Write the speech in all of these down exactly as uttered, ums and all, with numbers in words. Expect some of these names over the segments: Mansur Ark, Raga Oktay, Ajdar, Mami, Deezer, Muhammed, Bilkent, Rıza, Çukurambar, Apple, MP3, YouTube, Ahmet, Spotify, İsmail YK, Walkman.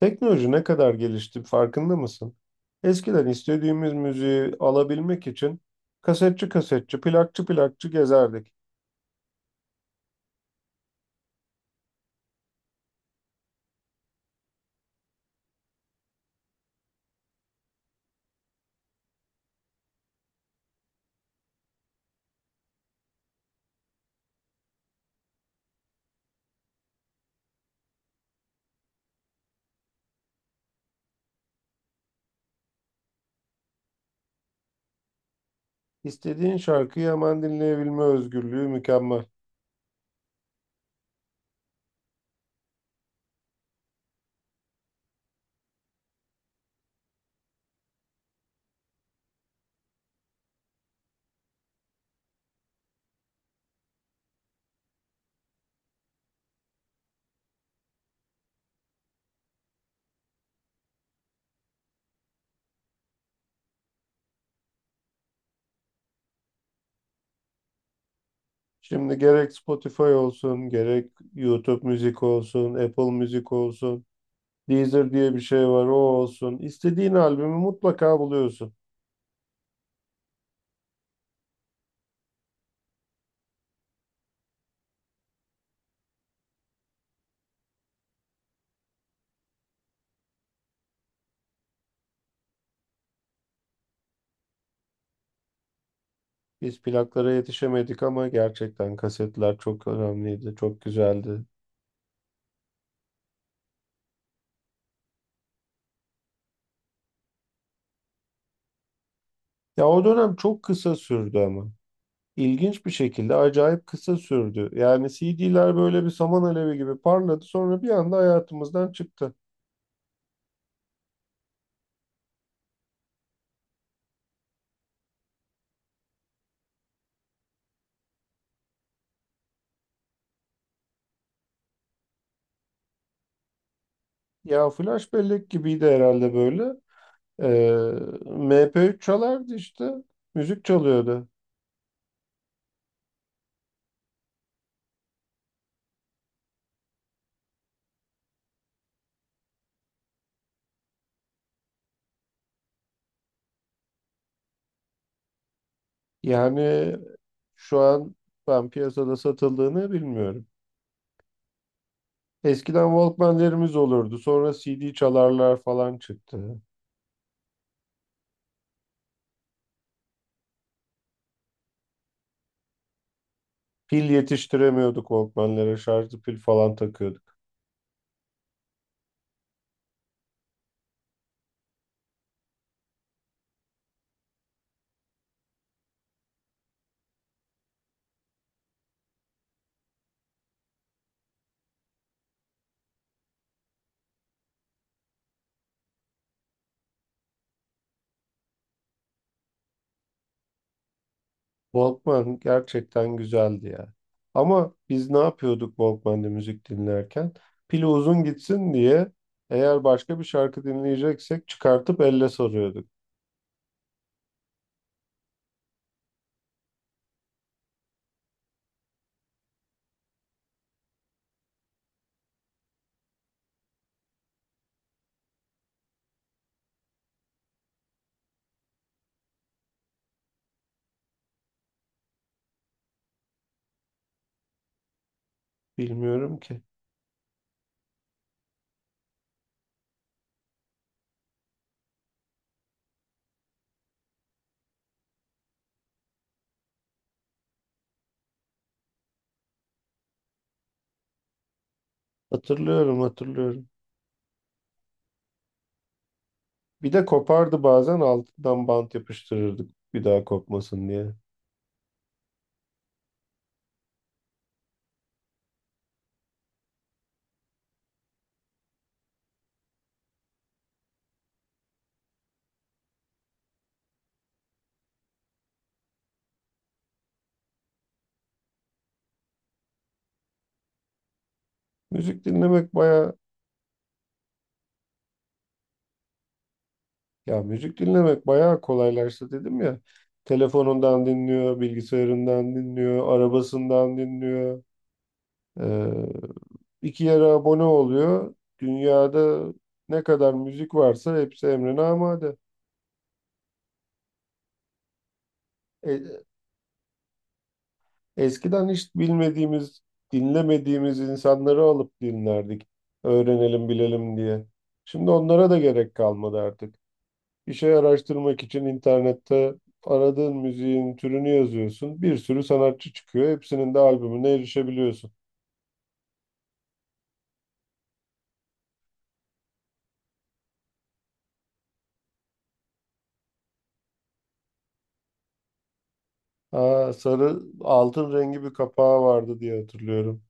Teknoloji ne kadar gelişti farkında mısın? Eskiden istediğimiz müziği alabilmek için kasetçi kasetçi, plakçı plakçı gezerdik. İstediğin şarkıyı hemen dinleyebilme özgürlüğü mükemmel. Şimdi gerek Spotify olsun, gerek YouTube müzik olsun, Apple müzik olsun, Deezer diye bir şey var o olsun. İstediğin albümü mutlaka buluyorsun. Biz plaklara yetişemedik ama gerçekten kasetler çok önemliydi, çok güzeldi. Ya o dönem çok kısa sürdü ama. İlginç bir şekilde acayip kısa sürdü. Yani C D'ler böyle bir saman alevi gibi parladı, sonra bir anda hayatımızdan çıktı. Ya flash bellek gibiydi herhalde böyle. Ee, M P üç çalardı işte. Müzik çalıyordu. Yani şu an ben piyasada satıldığını bilmiyorum. Eskiden Walkman'lerimiz olurdu. Sonra C D çalarlar falan çıktı. Pil yetiştiremiyorduk Walkman'lere. Şarjlı pil falan takıyorduk. Walkman gerçekten güzeldi ya. Ama biz ne yapıyorduk Walkman'de müzik dinlerken? Pili uzun gitsin diye eğer başka bir şarkı dinleyeceksek çıkartıp elle sarıyorduk. Bilmiyorum ki. Hatırlıyorum, hatırlıyorum. Bir de kopardı bazen, altından bant yapıştırırdık bir daha kopmasın diye. Müzik dinlemek baya, ya müzik dinlemek bayağı kolaylaştı dedim ya. Telefonundan dinliyor, bilgisayarından dinliyor, arabasından dinliyor. Ee, iki yere abone oluyor. Dünyada ne kadar müzik varsa hepsi emrine amade. E, eskiden hiç bilmediğimiz, dinlemediğimiz insanları alıp dinlerdik. Öğrenelim, bilelim diye. Şimdi onlara da gerek kalmadı artık. Bir şey araştırmak için internette aradığın müziğin türünü yazıyorsun. Bir sürü sanatçı çıkıyor. Hepsinin de albümüne erişebiliyorsun. Aa, sarı altın rengi bir kapağı vardı diye hatırlıyorum.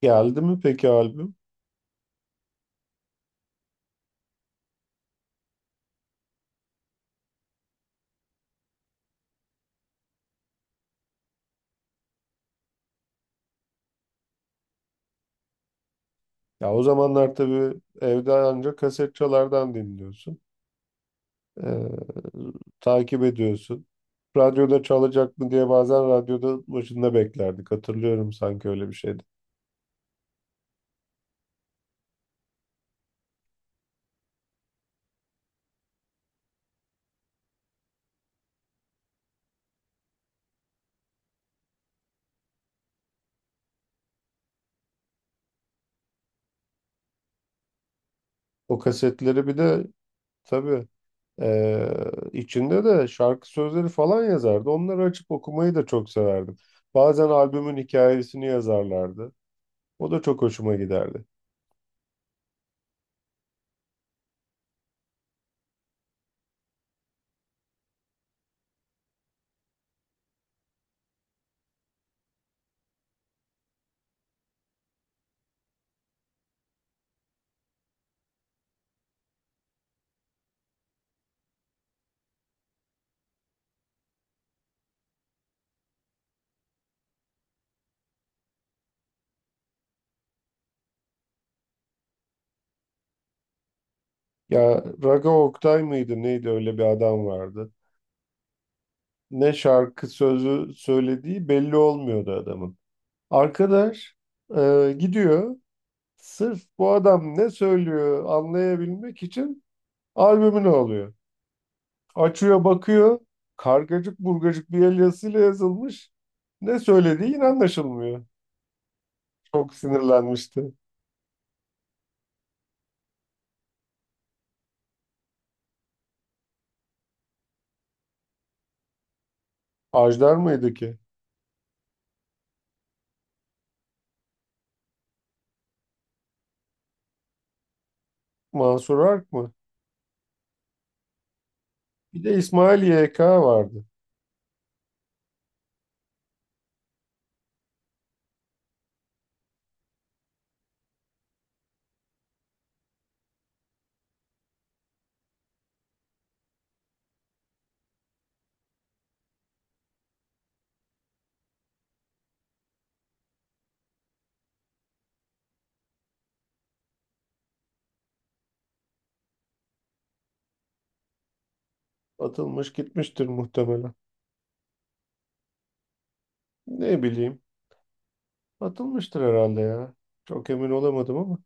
Geldi mi peki albüm? Ya o zamanlar tabii evde ancak kaset çalardan dinliyorsun. Ee, takip ediyorsun. Radyoda çalacak mı diye bazen radyoda başında beklerdik. Hatırlıyorum, sanki öyle bir şeydi. O kasetleri bir de tabii, ee, içinde de şarkı sözleri falan yazardı. Onları açıp okumayı da çok severdim. Bazen albümün hikayesini yazarlardı. O da çok hoşuma giderdi. Ya Raga Oktay mıydı neydi, öyle bir adam vardı. Ne şarkı sözü söylediği belli olmuyordu adamın. Arkadaş e, gidiyor, sırf bu adam ne söylüyor anlayabilmek için albümünü alıyor. Açıyor, bakıyor, kargacık burgacık bir el yazısıyla yazılmış. Ne söylediği yine anlaşılmıyor. Çok sinirlenmişti. Ajdar mıydı ki? Mansur Ark mı? Bir de İsmail Y K vardı. Atılmış gitmiştir muhtemelen. Ne bileyim. Atılmıştır herhalde ya. Çok emin olamadım ama.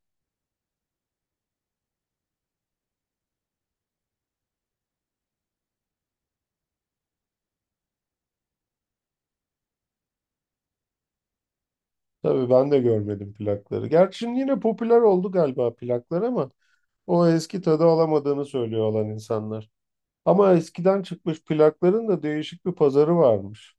Tabii ben de görmedim plakları. Gerçi şimdi yine popüler oldu galiba plaklar ama o eski tadı alamadığını söylüyor olan insanlar. Ama eskiden çıkmış plakların da değişik bir pazarı varmış.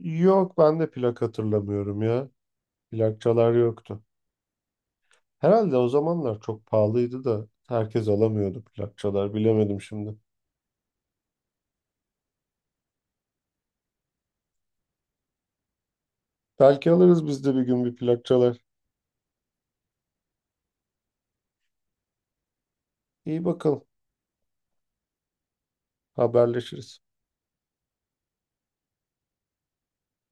Yok, ben de plak hatırlamıyorum ya. Plakçalar yoktu. Herhalde o zamanlar çok pahalıydı da herkes alamıyordu plakçalar. Bilemedim şimdi. Belki alırız biz de bir gün bir plakçalar. İyi bakalım, haberleşiriz.